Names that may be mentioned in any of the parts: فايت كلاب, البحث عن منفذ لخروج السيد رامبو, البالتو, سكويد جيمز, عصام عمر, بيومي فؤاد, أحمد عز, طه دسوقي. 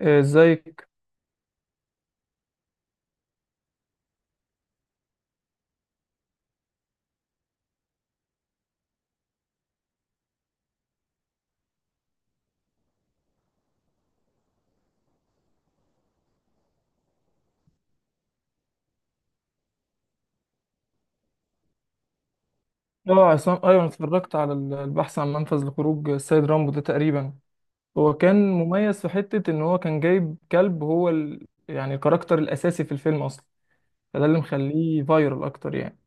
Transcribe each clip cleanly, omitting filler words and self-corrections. آه، ازيك. اه، عصام، ايوه. أنا اتفرجت على البحث عن منفذ لخروج السيد رامبو ده تقريبا. هو كان مميز في حتة ان هو كان جايب كلب، هو يعني الكاركتر الاساسي في الفيلم اصلا، فده اللي مخليه فايرال اكتر يعني.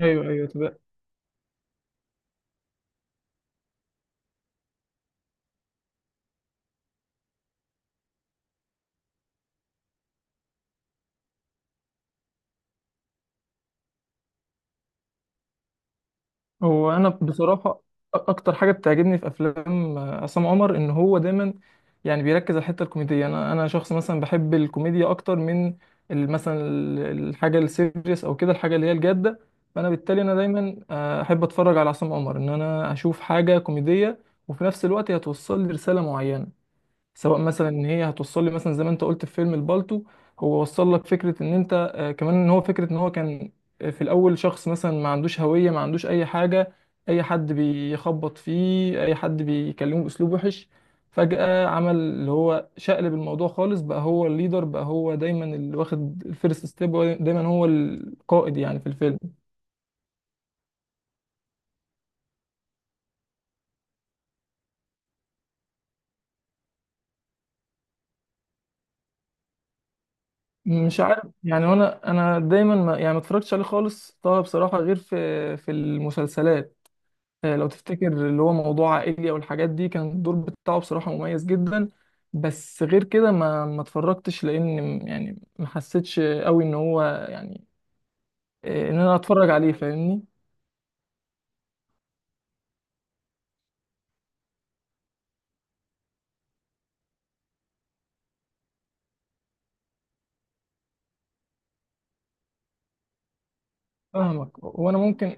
ايوه، ايوه. هو انا بصراحه اكتر حاجه بتعجبني في افلام عصام عمر ان هو دايما يعني بيركز على الحته الكوميديه. انا شخص مثلا بحب الكوميديا اكتر من مثلا الحاجه السيريس او كده الحاجه اللي هي الجاده. فانا بالتالي انا دايما احب اتفرج على عصام عمر ان انا اشوف حاجه كوميديه، وفي نفس الوقت هتوصل لي رساله معينه. سواء مثلا ان هي هتوصل لي مثلا زي ما انت قلت في فيلم البالتو، هو وصل لك فكره ان انت كمان، ان هو فكره ان هو كان في الاول شخص مثلا ما عندوش هويه، ما عندوش اي حاجه، اي حد بيخبط فيه، اي حد بيكلمه باسلوب وحش. فجاه عمل اللي هو شقلب الموضوع خالص، بقى هو الليدر، بقى هو دايما اللي واخد الفيرست ستيب، دايما هو القائد يعني في الفيلم. مش عارف يعني. انا دايما ما يعني ما اتفرجتش عليه خالص طه بصراحه، غير في المسلسلات. لو تفتكر اللي هو موضوع عائلي او الحاجات دي، كان الدور بتاعه بصراحة مميز جدا. بس غير كده ما اتفرجتش، لان يعني ما حسيتش قوي ان هو يعني ان انا اتفرج عليه. فاهمني؟ فاهمك، وانا ممكن.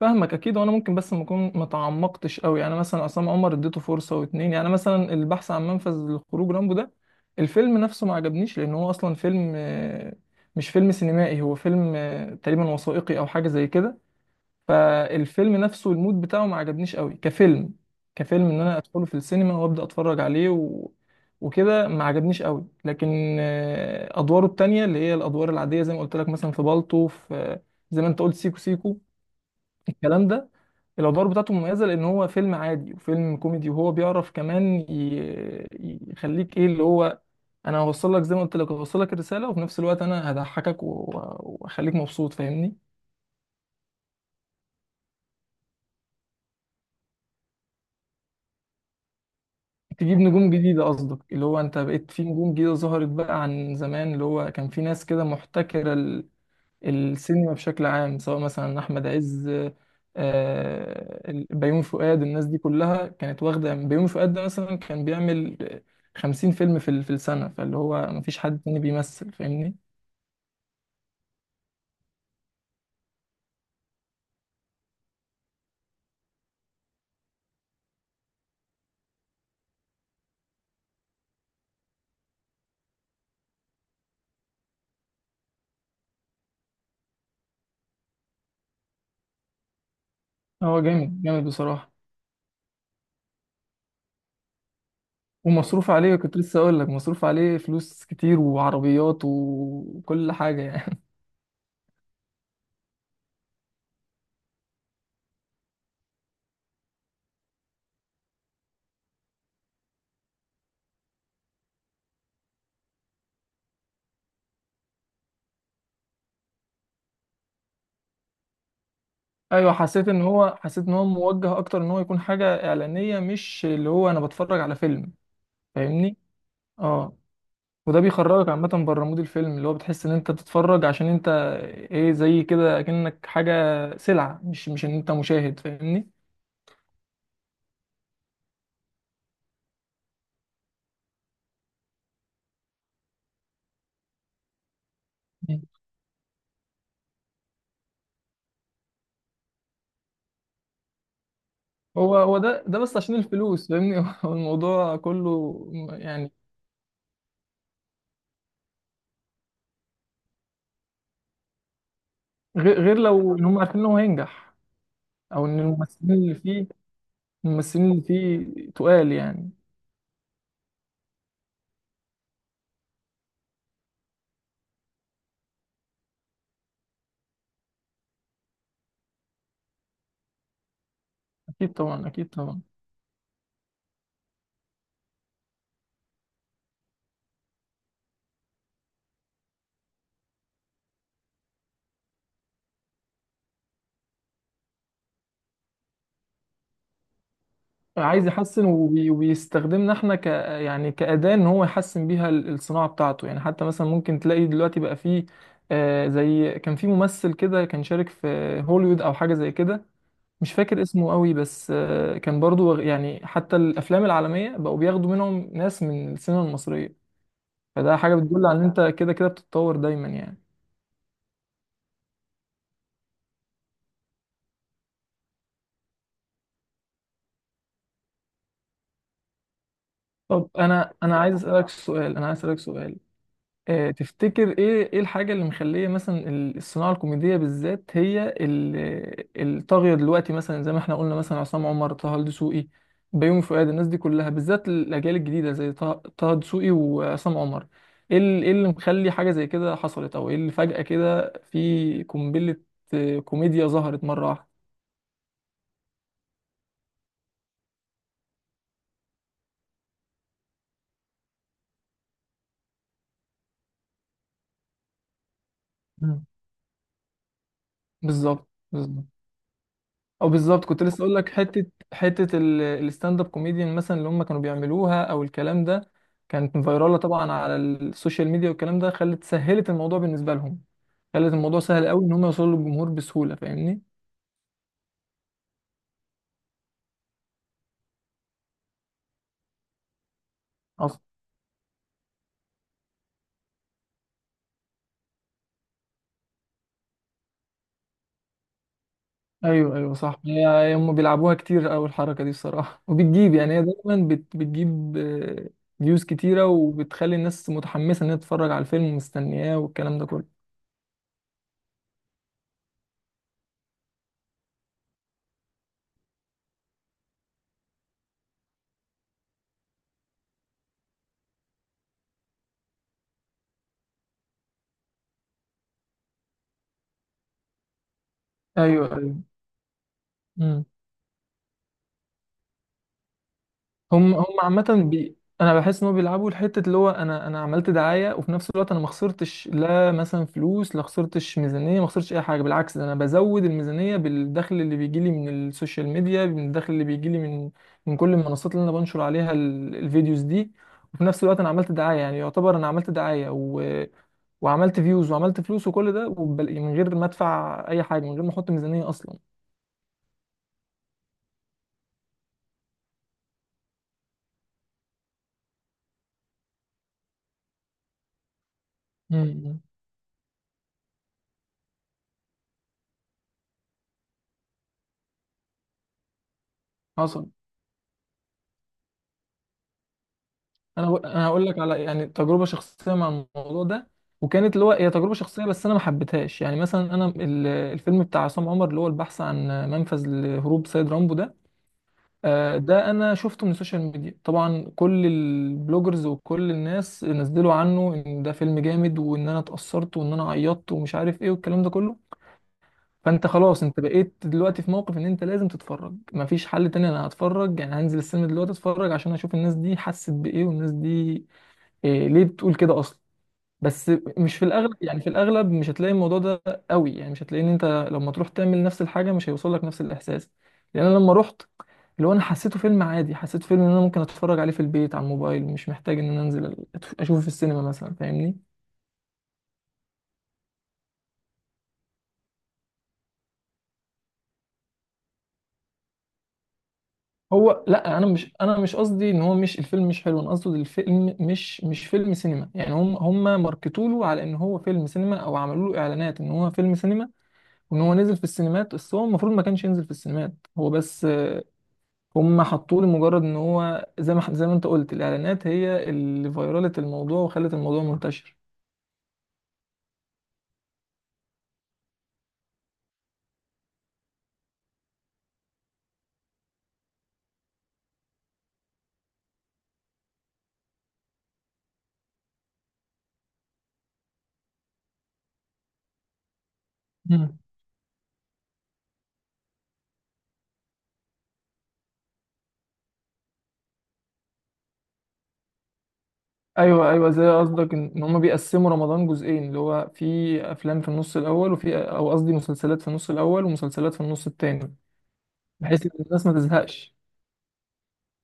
فاهمك اكيد، وانا ممكن، بس ما اكون ما تعمقتش قوي يعني. مثلا عصام عمر اديته فرصة واتنين يعني، مثلا البحث عن منفذ لخروج رامبو ده، الفيلم نفسه ما عجبنيش لان هو اصلا فيلم مش فيلم سينمائي، هو فيلم تقريبا وثائقي او حاجة زي كده. فالفيلم نفسه المود بتاعه ما عجبنيش قوي كفيلم، كفيلم ان انا ادخله في السينما وابدا اتفرج عليه وكده ما عجبنيش قوي. لكن ادواره التانية اللي هي الادوار العاديه زي ما قلت لك، مثلا في بالطو، في زي ما انت قلت سيكو سيكو، الكلام ده الادوار بتاعته مميزه. لان هو فيلم عادي وفيلم كوميدي، وهو بيعرف كمان يخليك ايه اللي هو، انا هوصل لك زي ما قلت لك، هوصل لك الرساله وفي نفس الوقت انا هضحكك واخليك مبسوط. فاهمني؟ تجيب نجوم جديدة قصدك؟ اللي هو انت بقيت في نجوم جديدة ظهرت، بقى عن زمان اللي هو كان في ناس كده محتكرة السينما بشكل عام، سواء مثلا أحمد عز، بيومي فؤاد. الناس دي كلها كانت واخدة. بيومي فؤاد ده مثلا كان بيعمل 50 فيلم في في السنة، فاللي هو مفيش حد تاني بيمثل. فاهمني؟ هو جامد جامد بصراحة. ومصروف عليه، كنت لسه أقول لك مصروف عليه فلوس كتير وعربيات وكل حاجة يعني. ايوه، حسيت ان هو، حسيت ان هو موجه اكتر ان هو يكون حاجه اعلانيه، مش اللي هو انا بتفرج على فيلم. فاهمني؟ اه. وده بيخرجك عامه بره مود الفيلم، اللي هو بتحس ان انت بتتفرج عشان انت ايه، زي كده اكنك حاجه، سلعه، مش ان انت مشاهد. فاهمني؟ مم. هو ده بس عشان الفلوس. فاهمني؟ هو الموضوع كله يعني. غير لو ان هم عارفين ان هو هينجح، او ان الممثلين اللي فيه، الممثلين اللي فيه تقال يعني. اكيد طبعا، اكيد طبعا. عايز يحسن وبيستخدمنا احنا يعني كأداة ان هو يحسن بيها الصناعة بتاعته يعني. حتى مثلا ممكن تلاقي دلوقتي بقى فيه زي كان في ممثل كده كان شارك في هوليوود او حاجة زي كده، مش فاكر اسمه قوي بس كان برضو يعني حتى الافلام العالمية بقوا بياخدوا منهم ناس من السينما المصرية. فده حاجة بتدل على ان انت كده كده بتتطور دايما يعني. طب انا عايز اسالك سؤال، انا عايز اسالك سؤال. تفتكر ايه، ايه الحاجة اللي مخلية مثلا الصناعة الكوميدية بالذات هي الطاغية دلوقتي؟ مثلا زي ما احنا قلنا، مثلا عصام عمر، طه دسوقي، بيومي فؤاد، الناس دي كلها، بالذات الأجيال الجديدة زي طه دسوقي وعصام عمر. ايه ايه اللي مخلي حاجة زي كده حصلت؟ او ايه اللي فجأة كده في قنبلة كوميديا ظهرت مرة واحدة؟ مم. بالظبط، بالظبط. او بالظبط، كنت لسه اقول لك حته الستاند اب كوميديان مثلا اللي هم كانوا بيعملوها او الكلام ده، كانت فيراله طبعا على السوشيال ميديا، والكلام ده خلت، سهلت الموضوع بالنسبه لهم. خلت الموضوع سهل قوي ان هم يوصلوا للجمهور بسهوله. فاهمني؟ أصلا. ايوه، ايوه، صح. هي هم بيلعبوها كتير قوي الحركه دي الصراحه. وبتجيب يعني، هي دايما بتجيب فيوز كتيره، وبتخلي الناس متحمسه انها تتفرج على الفيلم ومستنياه والكلام ده كله. ايوه، ايوه. هم عامة أنا بحس إن هو بيلعبوا الحتة اللي هو أنا عملت دعاية، وفي نفس الوقت أنا ما خسرتش، لا مثلا فلوس، لا خسرتش ميزانية، ما خسرتش أي حاجة. بالعكس، ده أنا بزود الميزانية بالدخل اللي بيجي لي من السوشيال ميديا، من الدخل اللي بيجي لي من كل المنصات اللي أنا بنشر عليها الفيديوز دي. وفي نفس الوقت أنا عملت دعاية يعني، يعتبر أنا عملت دعاية وعملت فيوز وعملت فلوس وكل ده، من غير ما أدفع أي حاجة، من غير ما أحط ميزانية أصلا. امم حصل. انا هقول لك على، يعني، تجربه شخصيه مع الموضوع ده، وكانت اللي هو هي تجربه شخصيه بس انا ما حبيتهاش يعني. مثلا انا الفيلم بتاع عصام عمر اللي هو البحث عن منفذ لهروب سيد رامبو ده، ده انا شفته من السوشيال ميديا طبعا. كل البلوجرز وكل الناس نزلوا عنه ان ده فيلم جامد، وان انا اتأثرت، وان انا عيطت ومش عارف ايه والكلام ده كله. فانت خلاص، انت بقيت دلوقتي في موقف ان انت لازم تتفرج، مفيش حل تاني. انا هتفرج يعني، هنزل السينما دلوقتي اتفرج عشان اشوف الناس دي حست بايه، والناس دي إيه، ليه بتقول كده اصلا. بس مش في الاغلب يعني، في الاغلب مش هتلاقي الموضوع ده قوي يعني. مش هتلاقي ان انت لما تروح تعمل نفس الحاجه مش هيوصل لك نفس الاحساس، لان انا لما رحت، اللي هو انا حسيته فيلم عادي. حسيت فيلم ان انا ممكن اتفرج عليه في البيت على الموبايل، مش محتاج ان انا انزل اشوفه في السينما مثلا. فاهمني؟ هو لا، انا مش، انا مش قصدي ان هو مش، الفيلم مش حلو. انا قصدي الفيلم مش فيلم سينما يعني. هم هم ماركتوا له على ان هو فيلم سينما، او عملوا له اعلانات ان هو فيلم سينما، وان هو نزل في السينمات، بس هو المفروض ما كانش ينزل في السينمات. هو بس هم حطوه لمجرد ان هو زي ما زي ما انت قلت، الاعلانات هي اللي فيرالت الموضوع وخلت الموضوع منتشر. مم. ايوه، ايوه. زي قصدك ان إن هم بيقسموا رمضان جزئين، اللي هو في افلام في النص الاول، وفي، او قصدي مسلسلات في النص الاول ومسلسلات في النص التاني، بحيث ان الناس ما تزهقش.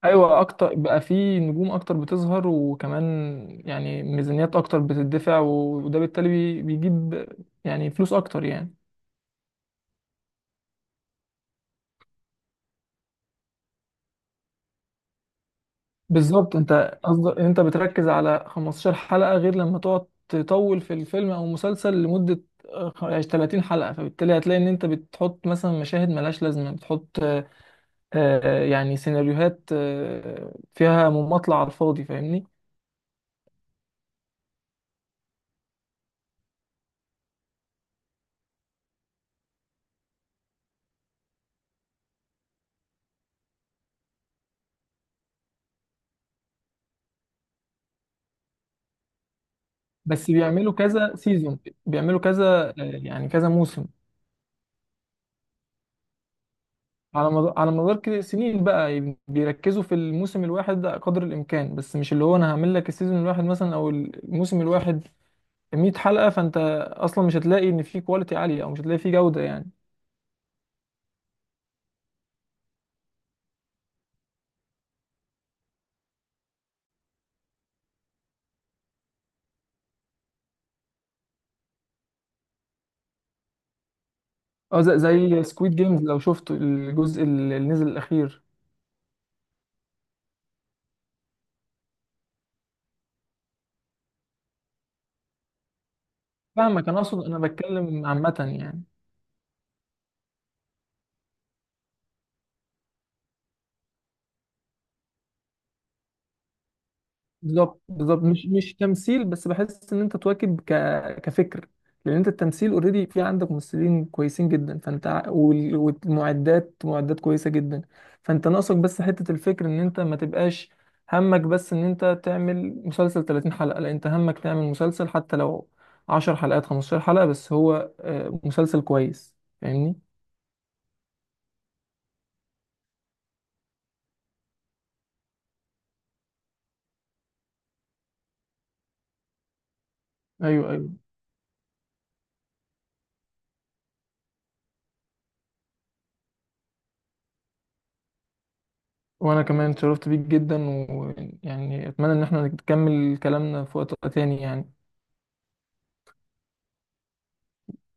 ايوه، اكتر بقى، في نجوم اكتر بتظهر، وكمان يعني ميزانيات اكتر بتدفع، وده بالتالي بيجيب يعني فلوس اكتر يعني. بالظبط. انت قصدك انت بتركز على 15 حلقة غير لما تقعد تطول في الفيلم او مسلسل لمدة 30 حلقة، فبالتالي هتلاقي ان انت بتحط مثلا مشاهد ملهاش لازمة، بتحط يعني سيناريوهات فيها مماطلة على الفاضي. فاهمني؟ بس بيعملوا كذا سيزون، بيعملوا كذا يعني كذا موسم. على مدار كده سنين بقى يعني، بيركزوا في الموسم الواحد ده قدر الامكان، بس مش اللي هو انا هعمل لك السيزون الواحد مثلا او الموسم الواحد 100 حلقة. فانت اصلا مش هتلاقي ان في كواليتي عالية، او مش هتلاقي في جودة يعني. اه، زي, سكويد جيمز لو شفت الجزء اللي نزل الاخير. فاهمك، انا اقصد انا بتكلم عامة يعني. بالظبط، بالظبط. مش، مش تمثيل بس. بحس ان انت تواكب كفكر. لان انت التمثيل اوريدي في، عندك ممثلين كويسين جدا، فانت والمعدات معدات كويسه جدا. فانت ناقصك بس حته الفكر، ان انت ما تبقاش همك بس ان انت تعمل مسلسل 30 حلقه. لا، انت همك تعمل مسلسل حتى لو 10 حلقات، 15 حلقه، بس هو مسلسل كويس. فاهمني؟ ايوه، ايوه. وانا كمان اتشرفت بيك جدا، ويعني اتمنى ان احنا نكمل كلامنا في وقت تاني يعني.